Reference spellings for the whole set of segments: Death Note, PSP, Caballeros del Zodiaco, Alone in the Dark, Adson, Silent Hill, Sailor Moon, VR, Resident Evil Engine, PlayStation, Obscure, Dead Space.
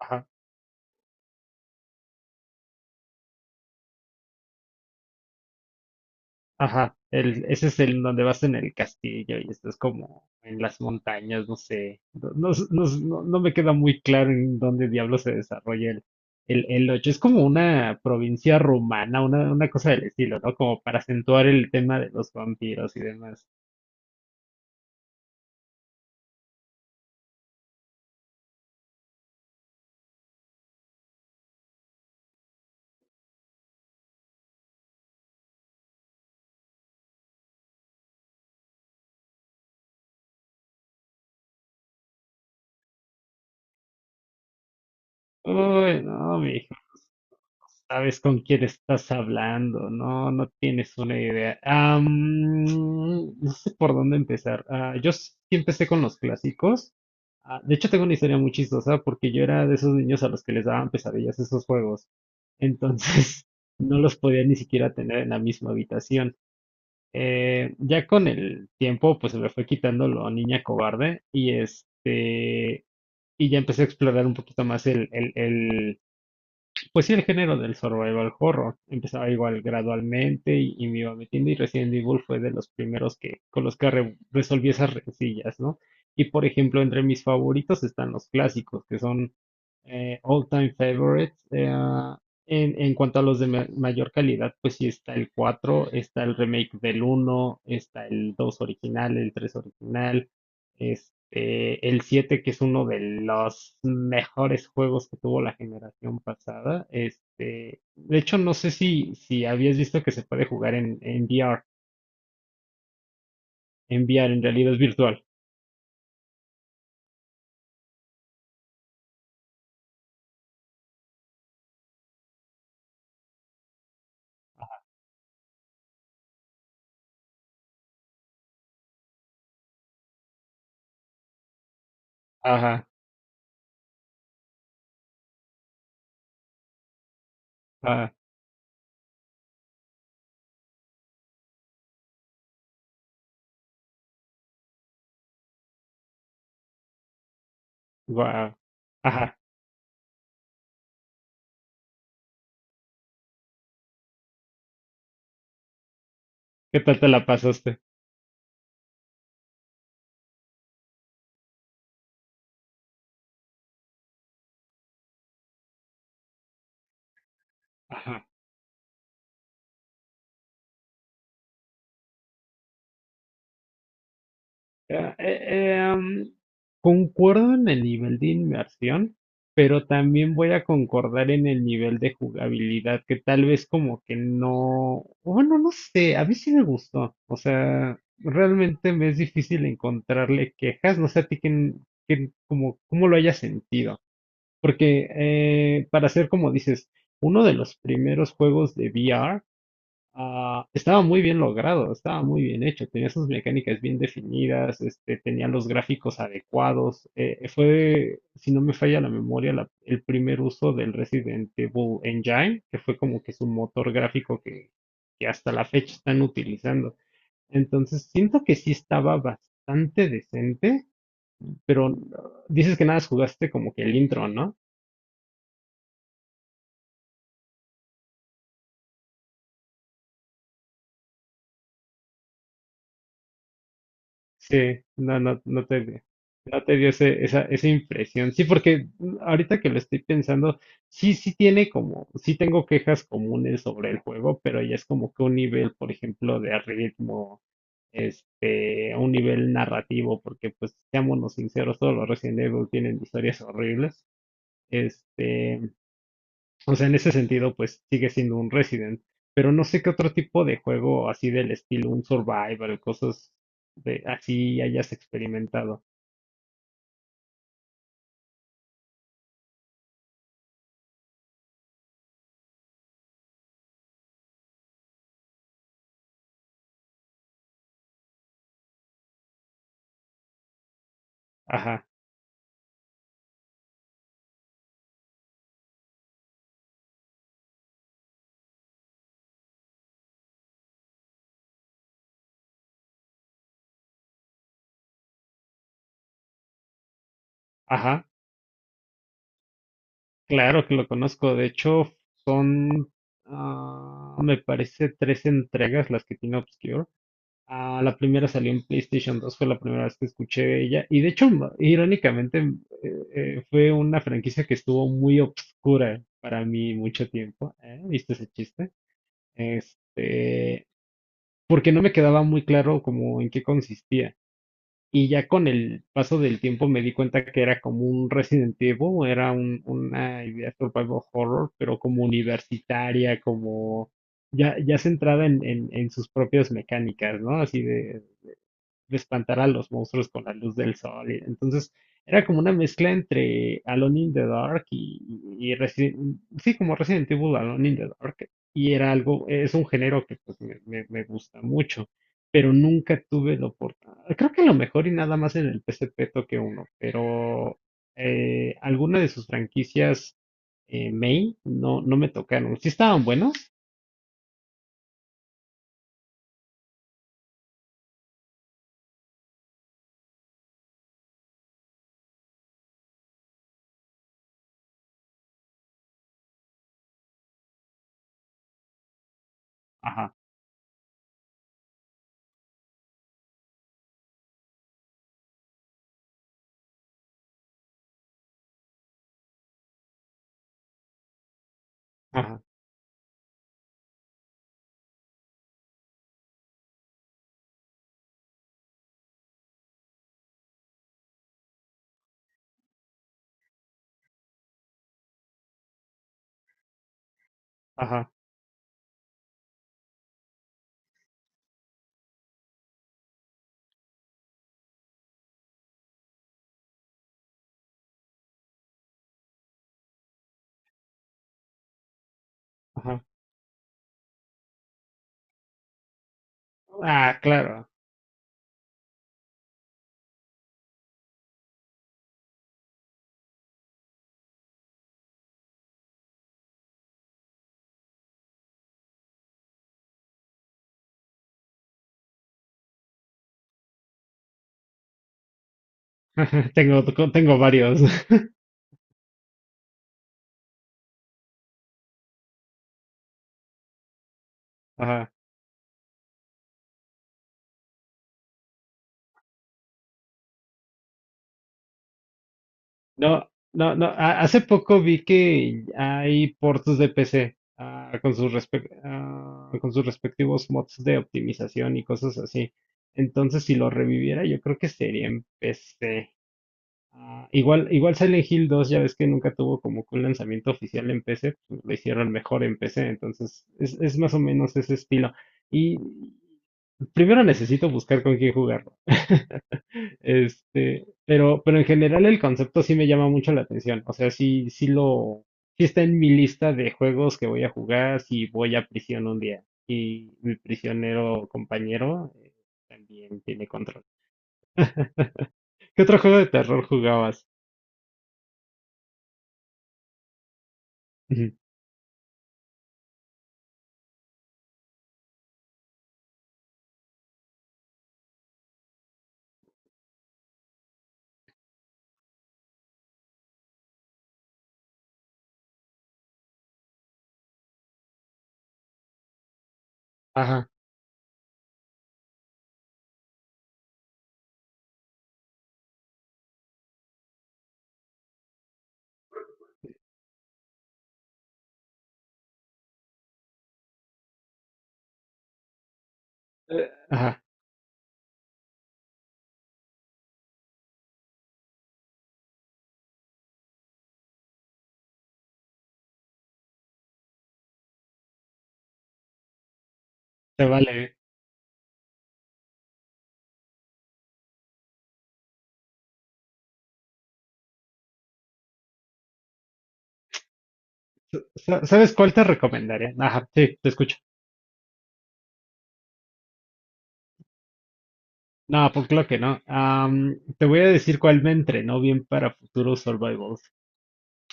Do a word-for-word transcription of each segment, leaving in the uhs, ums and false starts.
Ajá, ajá. El, ese es el donde vas en el castillo y estás como en las montañas, no sé. No, no, s- no s- no- no me queda muy claro en dónde diablo se desarrolla el, el, el ocho. Es como una provincia rumana, una, una cosa del estilo, ¿no? Como para acentuar el tema de los vampiros y demás. Uy, no, sabes con quién estás hablando, no, no tienes una idea. Ah, mm, no sé por dónde empezar. Ah, yo sí empecé con los clásicos. Ah, de hecho, tengo una historia muy chistosa porque yo era de esos niños a los que les daban pesadillas esos juegos. Entonces, no los podía ni siquiera tener en la misma habitación. Eh, ya con el tiempo, pues se me fue quitando lo niña cobarde y este, y ya empecé a explorar un poquito más el, el, el, pues sí, el género del survival horror empezaba igual gradualmente y, y me iba metiendo, y Resident Evil fue de los primeros que con los que re- resolví esas rencillas, ¿no? Y por ejemplo, entre mis favoritos están los clásicos, que son eh, all time favorites. eh, en, en cuanto a los de ma- mayor calidad, pues sí está el cuatro, está el remake del uno, está el dos original, el tres original, este, el siete, que es uno de los mejores juegos que tuvo la generación pasada. Este, de hecho, no sé si, si habías visto que se puede jugar en, en V R. En V R, en realidad es virtual. Ajá, ah, guau. Ajá. ¿Qué tal te la pasaste? Eh, eh, em, Concuerdo en el nivel de inmersión, pero también voy a concordar en el nivel de jugabilidad, que tal vez como que no, bueno, no sé, a mí sí me gustó, o sea, realmente me es difícil encontrarle quejas, no sé a ti que, como, cómo lo hayas sentido, porque eh, para ser como dices, uno de los primeros juegos de V R, Ah, estaba muy bien logrado, estaba muy bien hecho, tenía sus mecánicas bien definidas, este, tenía los gráficos adecuados. Eh, eh, fue, si no me falla la memoria, la- el primer uso del Resident Evil Engine, que fue como que su motor gráfico que, que hasta la fecha están utilizando. Entonces, siento que sí estaba bastante decente, pero ah, dices que nada más jugaste como que el intro, ¿no? Sí, no, no, no te, no te dio ese- esa, esa impresión. Sí, porque mm, ahorita que lo estoy pensando, sí, sí tiene como, sí tengo quejas comunes sobre el juego, pero ya es como que un nivel, por ejemplo, de ritmo, este, a un nivel narrativo, porque pues seámonos sinceros, todos los Resident Evil tienen historias horribles. Este, o sea, en ese sentido, pues sigue siendo un Resident. Pero no sé qué otro tipo de juego así del estilo, un survival, cosas de así hayas experimentado. Ajá, ajá. Claro que lo conozco. De hecho, son, ah, me parece, tres entregas las que tiene Obscure. Ah, la primera salió en PlayStation dos, fue la primera vez que escuché de ella. Y de hecho, ma- irónicamente, m- eh, eh, fue una franquicia que estuvo muy obscura para mí mucho tiempo. ¿Eh? ¿Viste ese chiste? Este, Porque no me quedaba muy claro como en qué consistía. Y ya con el paso del tiempo me di cuenta que era como un Resident Evil, era un- una idea survival horror, pero como universitaria, como ya, ya centrada en, en, en sus propias mecánicas, ¿no? Así de, de espantar a los monstruos con la luz del sol. y- Entonces, era como una mezcla entre Alone in the Dark y, y Resi- sí, como Resident Evil Alone in the Dark. Y era algo, es un género que pues me, me- me gusta mucho, pero nunca tuve la oportunidad. Creo que a lo mejor y nada más en el P S P toqué uno, pero eh, alguna de sus franquicias eh, main no, no me tocaron. Sí estaban buenos. Ajá, ajá, ajá, ajá. Ah, claro. Tengo, tengo varios. Ajá. No, no, no. ha- Hace poco vi que hay ports de P C ah, con sus respe- ah, con sus respectivos mods de optimización y cosas así. Entonces, si lo reviviera, yo creo que sería en P C. Ah, igual, igual Silent Hill dos ya ves que nunca tuvo como que un lanzamiento oficial en P C, pues lo hicieron mejor en P C. Entonces, es, es más o menos ese estilo. Y primero necesito buscar con quién jugarlo. Este, pero, pero en general el concepto sí me llama mucho la atención. O sea, sí, sí lo, sí está en mi lista de juegos que voy a jugar si voy a prisión un día. Y mi prisionero compañero eh, también tiene control. ¿Qué otro juego de terror jugabas? Ujú. Ajá, eh, ajá, te vale. Sa- ¿Sabes cuál te recomendaría? Ajá, sí, te escucho. No, pues claro que no. Am, te voy a decir cuál me entrenó bien para futuros survivals.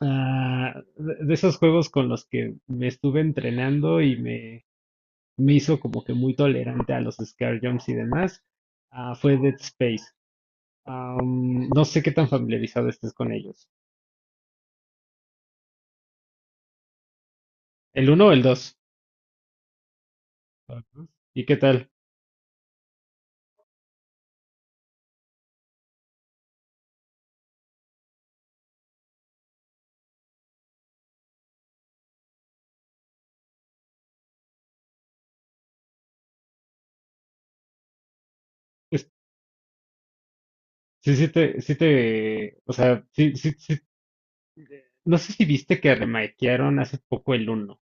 Ah, de de esos juegos con los que me estuve entrenando y me, me hizo como que muy tolerante a los scare jumps y demás, ah, fue Dead Space. Am, no sé qué tan familiarizado estés con ellos. ¿El uno o el dos? Ajá. ¿Y qué tal? Es- Sí, sí te, sí te, o sea, sí, sí, sí- no sé si viste que remakearon hace poco el uno.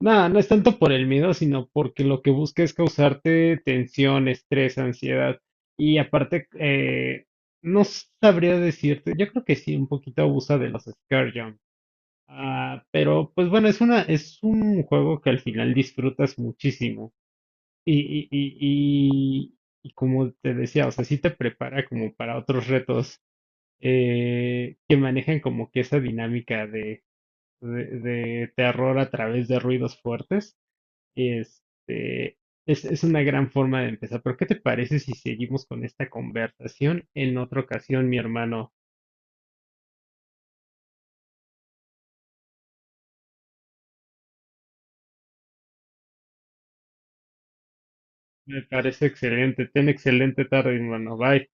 Nada, no es tanto por el miedo, sino porque lo que busca es causarte tensión, estrés, ansiedad. Y aparte, eh, no sabría decirte, yo creo que sí, un poquito abusa de los scare jump. Ah, pero pues bueno, es una, es un juego que al final disfrutas muchísimo. Y, y, y, y, y como te decía, o sea, sí te prepara como para otros retos eh, que manejan como que esa dinámica de, de de terror a través de ruidos fuertes. Este, es, es una gran forma de empezar, pero ¿qué te parece si seguimos con esta conversación en otra ocasión, mi hermano? Me parece excelente. Ten excelente tarde, mi hermano. Bye.